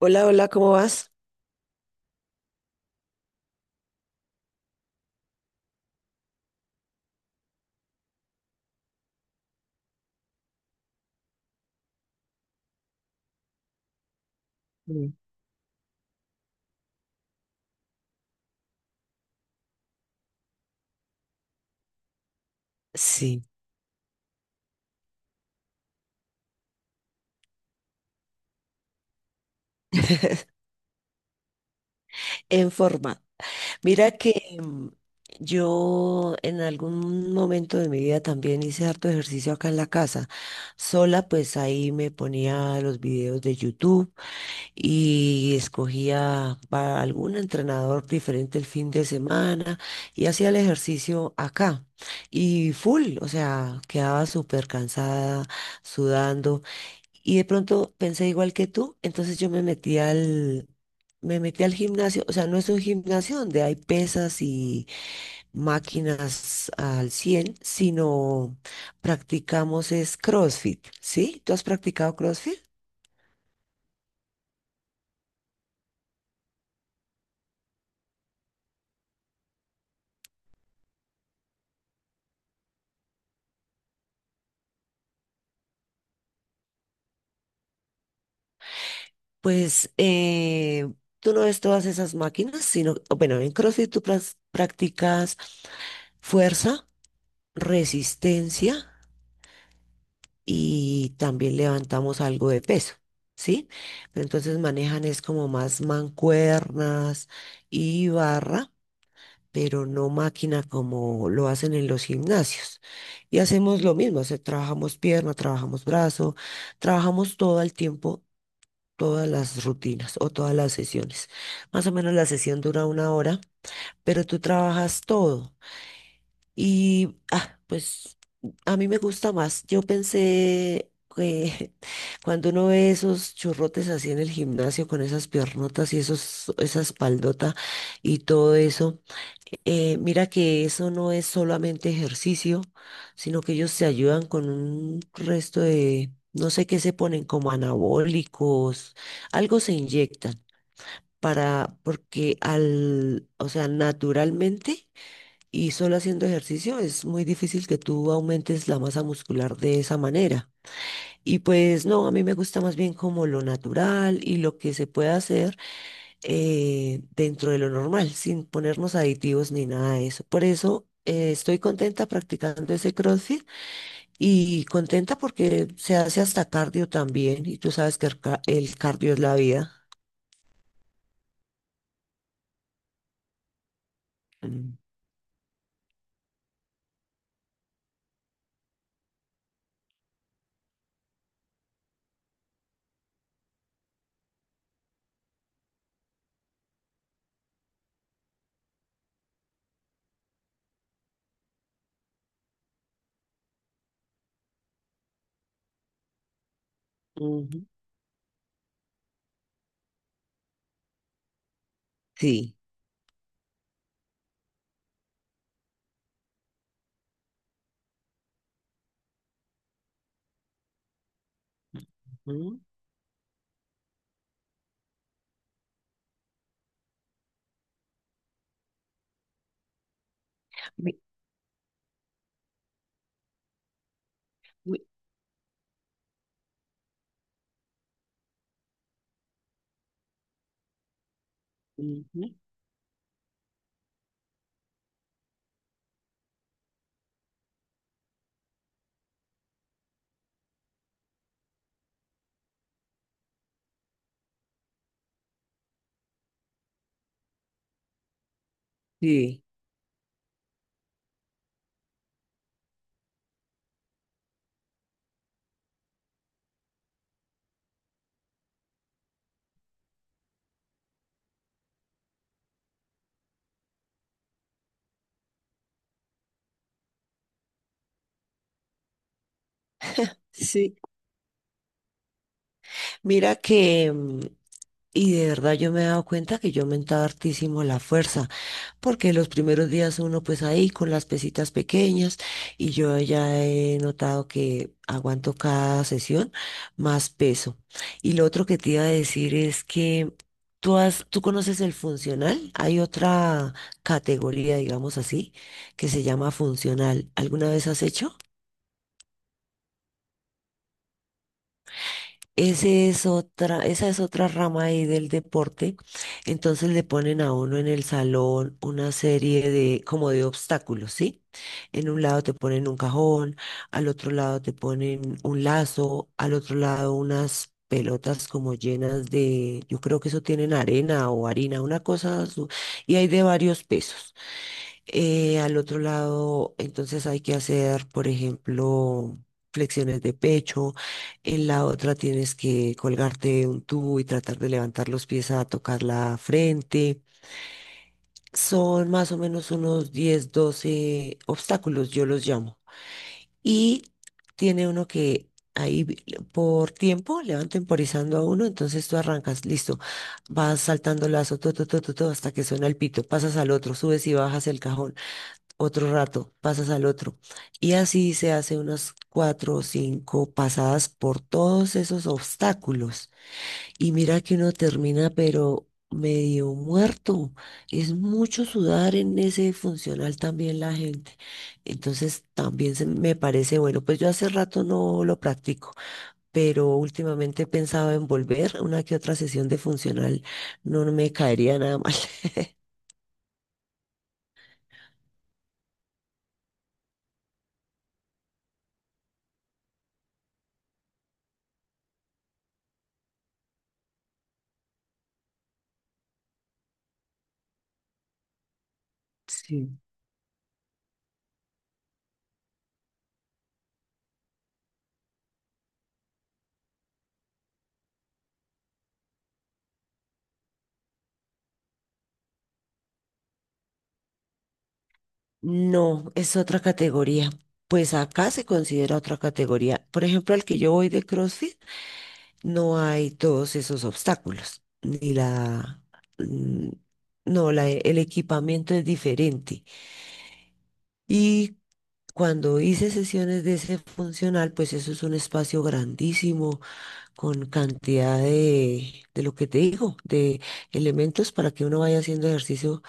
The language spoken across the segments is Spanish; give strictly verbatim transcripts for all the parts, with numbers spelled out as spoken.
Hola, hola, ¿cómo vas? Sí. Sí, en forma. Mira que mm, yo en algún momento de mi vida también hice harto ejercicio acá en la casa. Sola, pues ahí me ponía los videos de YouTube y escogía para algún entrenador diferente el fin de semana y hacía el ejercicio acá. Y full, o sea, quedaba súper cansada, sudando. Y de pronto pensé igual que tú, entonces yo me metí al, me metí al gimnasio, o sea, no es un gimnasio donde hay pesas y máquinas al cien, sino practicamos es CrossFit, ¿sí? ¿Tú has practicado CrossFit? Pues eh, tú no ves todas esas máquinas, sino, bueno, en CrossFit tú pras- practicas fuerza, resistencia y también levantamos algo de peso, ¿sí? Pero entonces manejan es como más mancuernas y barra, pero no máquina como lo hacen en los gimnasios. Y hacemos lo mismo, o sea, trabajamos pierna, trabajamos brazo, trabajamos todo el tiempo. Todas las rutinas o todas las sesiones. Más o menos la sesión dura una hora, pero tú trabajas todo. Y, ah, pues a mí me gusta más. Yo pensé que cuando uno ve esos churrotes así en el gimnasio con esas piernotas y esos, esa espaldota y todo eso, eh, mira que eso no es solamente ejercicio, sino que ellos se ayudan con un resto de, no sé qué se ponen, como anabólicos, algo se inyectan para, porque al, o sea, naturalmente y solo haciendo ejercicio es muy difícil que tú aumentes la masa muscular de esa manera. Y pues no, a mí me gusta más bien como lo natural y lo que se puede hacer eh, dentro de lo normal, sin ponernos aditivos ni nada de eso. Por eso eh, estoy contenta practicando ese CrossFit y contenta porque se hace hasta cardio también. Y tú sabes que el, ca- el cardio es la vida. Mm. Ujú. Sí. Ujú. Mi- mi- ujú. Sí. Sí. Mira que, mm, y de verdad yo me he dado cuenta que yo he aumentado hartísimo la fuerza, porque los primeros días uno pues ahí con las pesitas pequeñas y yo ya he notado que aguanto cada sesión más peso. Y lo otro que te iba a decir es que tú has, tú conoces el funcional, hay otra categoría, digamos así, que se llama funcional. ¿Alguna vez has hecho? Ese es otra, esa es otra rama ahí del deporte. Entonces le ponen a uno en el salón una serie de, como de obstáculos, ¿sí? En un lado te ponen un cajón, al otro lado te ponen un lazo, al otro lado unas pelotas como llenas de, yo creo que eso tienen arena o harina, una cosa, su- y hay de varios pesos. Eh, al otro lado, entonces hay que hacer, por ejemplo, flexiones de pecho. En la otra tienes que colgarte un tubo y tratar de levantar los pies a tocar la frente. Son más o menos unos diez doce obstáculos, yo los llamo. Y tiene uno que ahí vi- por tiempo le van temporizando a uno, entonces tú arrancas, listo, vas saltando lazo, todo, todo, todo, hasta que suena el pito, pasas al otro, subes y bajas el cajón otro rato, pasas al otro. Y así se hace unas cuatro o cinco pasadas por todos esos obstáculos. Y mira que uno termina, pero medio muerto. Es mucho sudar en ese funcional también la gente. Entonces también se me parece bueno, pues yo hace rato no lo practico, pero últimamente he pensado en volver una que otra sesión de funcional. No, no me caería nada mal. Sí. No, es otra categoría. Pues acá se considera otra categoría. Por ejemplo, al que yo voy de CrossFit, no hay todos esos obstáculos. Ni la... mm, No, la, el equipamiento es diferente. Y cuando hice sesiones de ese funcional, pues eso es un espacio grandísimo con cantidad de, de lo que te digo, de elementos para que uno vaya haciendo ejercicio.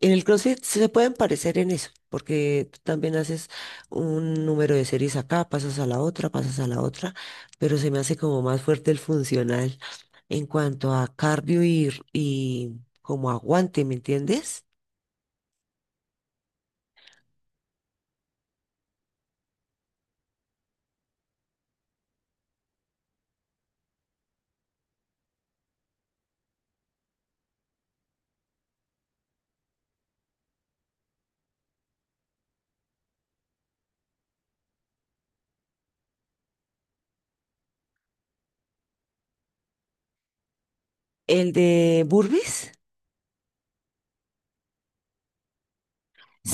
En el CrossFit se pueden parecer en eso, porque tú también haces un número de series acá, pasas a la otra, pasas a la otra, pero se me hace como más fuerte el funcional en cuanto a cardio y, y como aguante, ¿me entiendes? El de burpees,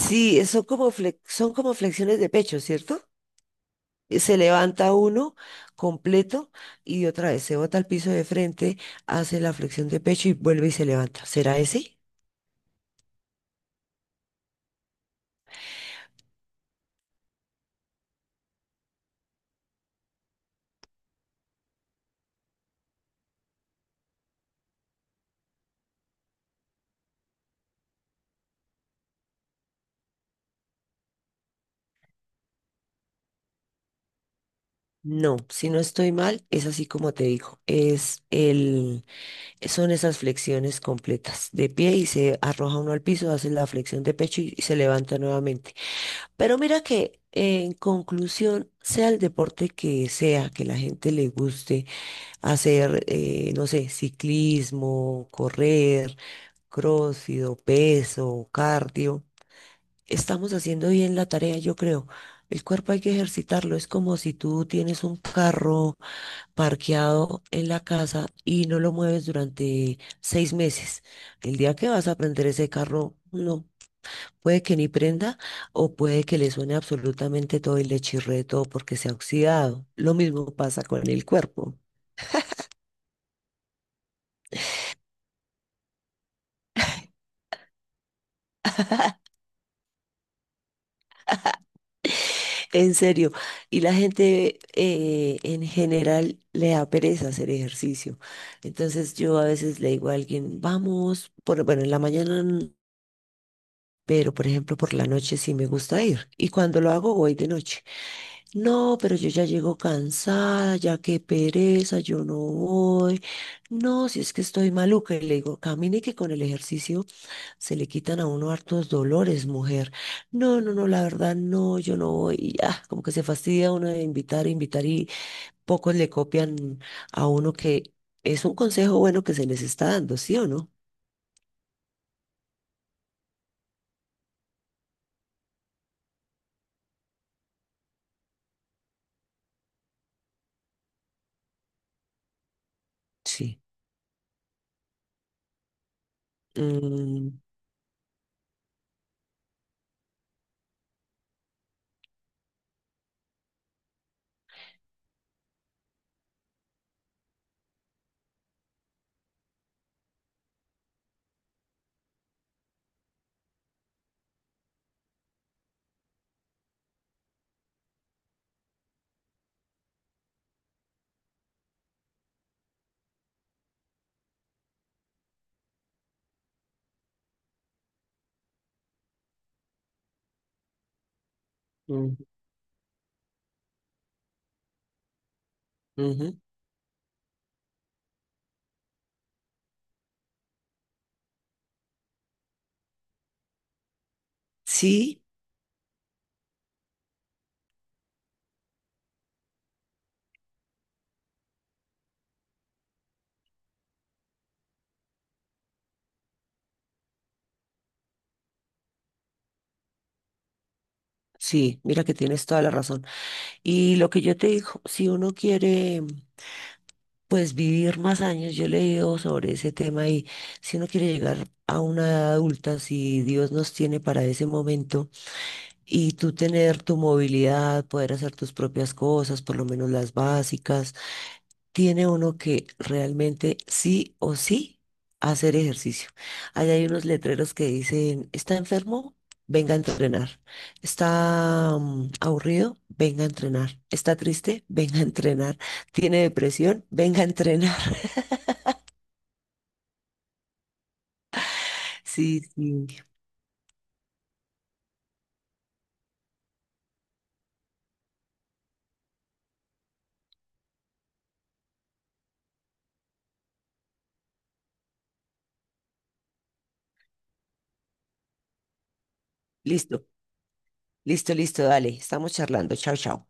sí, son como flex- son como flexiones de pecho, ¿cierto? eh, Se levanta uno completo y otra vez se bota al piso de frente, hace la flexión de pecho y vuelve y se levanta. ¿Será ese? No, si no estoy mal, es así como te digo. Es el, son esas flexiones completas de pie y se arroja uno al piso, hace la flexión de pecho y, y se levanta nuevamente. Pero mira que en conclusión, sea el deporte que sea, que la gente le guste hacer, eh, no sé, ciclismo, correr crócido, peso, cardio. Estamos haciendo bien la tarea, yo creo. El cuerpo hay que ejercitarlo. Es como si tú tienes un carro parqueado en la casa y no lo mueves durante seis meses. El día que vas a prender ese carro, no. Puede que ni prenda o puede que le suene absolutamente todo y le chirree todo porque se ha oxidado. Lo mismo pasa con el cuerpo. En serio, y la gente eh, en general le da pereza hacer ejercicio. Entonces yo a veces le digo a alguien, vamos, por, bueno, en la mañana, n- pero por ejemplo por la noche sí me gusta ir. Y cuando lo hago voy de noche. No, pero yo ya llego cansada, ya qué pereza, yo no voy. No, si es que estoy maluca. Y le digo, camine que con el ejercicio se le quitan a uno hartos dolores, mujer. No, no, no, la verdad, no, yo no voy. Y ya, como que se fastidia uno de invitar, invitar y pocos le copian a uno que es un consejo bueno que se les está dando, ¿sí o no? Sí. Mm, mm, ujú. Sí, sí, mira que tienes toda la razón. Y lo que yo te digo, si uno quiere, pues vivir más años, yo he leído sobre ese tema y si uno quiere llegar a una edad adulta, si Dios nos tiene para ese momento y tú tener tu movilidad, poder hacer tus propias cosas, por lo menos las básicas, tiene uno que realmente sí o sí hacer ejercicio. Allá hay unos letreros que dicen, ¿está enfermo? Venga a entrenar. ¿Está mm, aburrido? Venga a entrenar. ¿Está triste? Venga a entrenar. ¿Tiene depresión? Venga a entrenar. Sí, sí. Listo, listo, listo, dale. Estamos charlando. Chao, chao.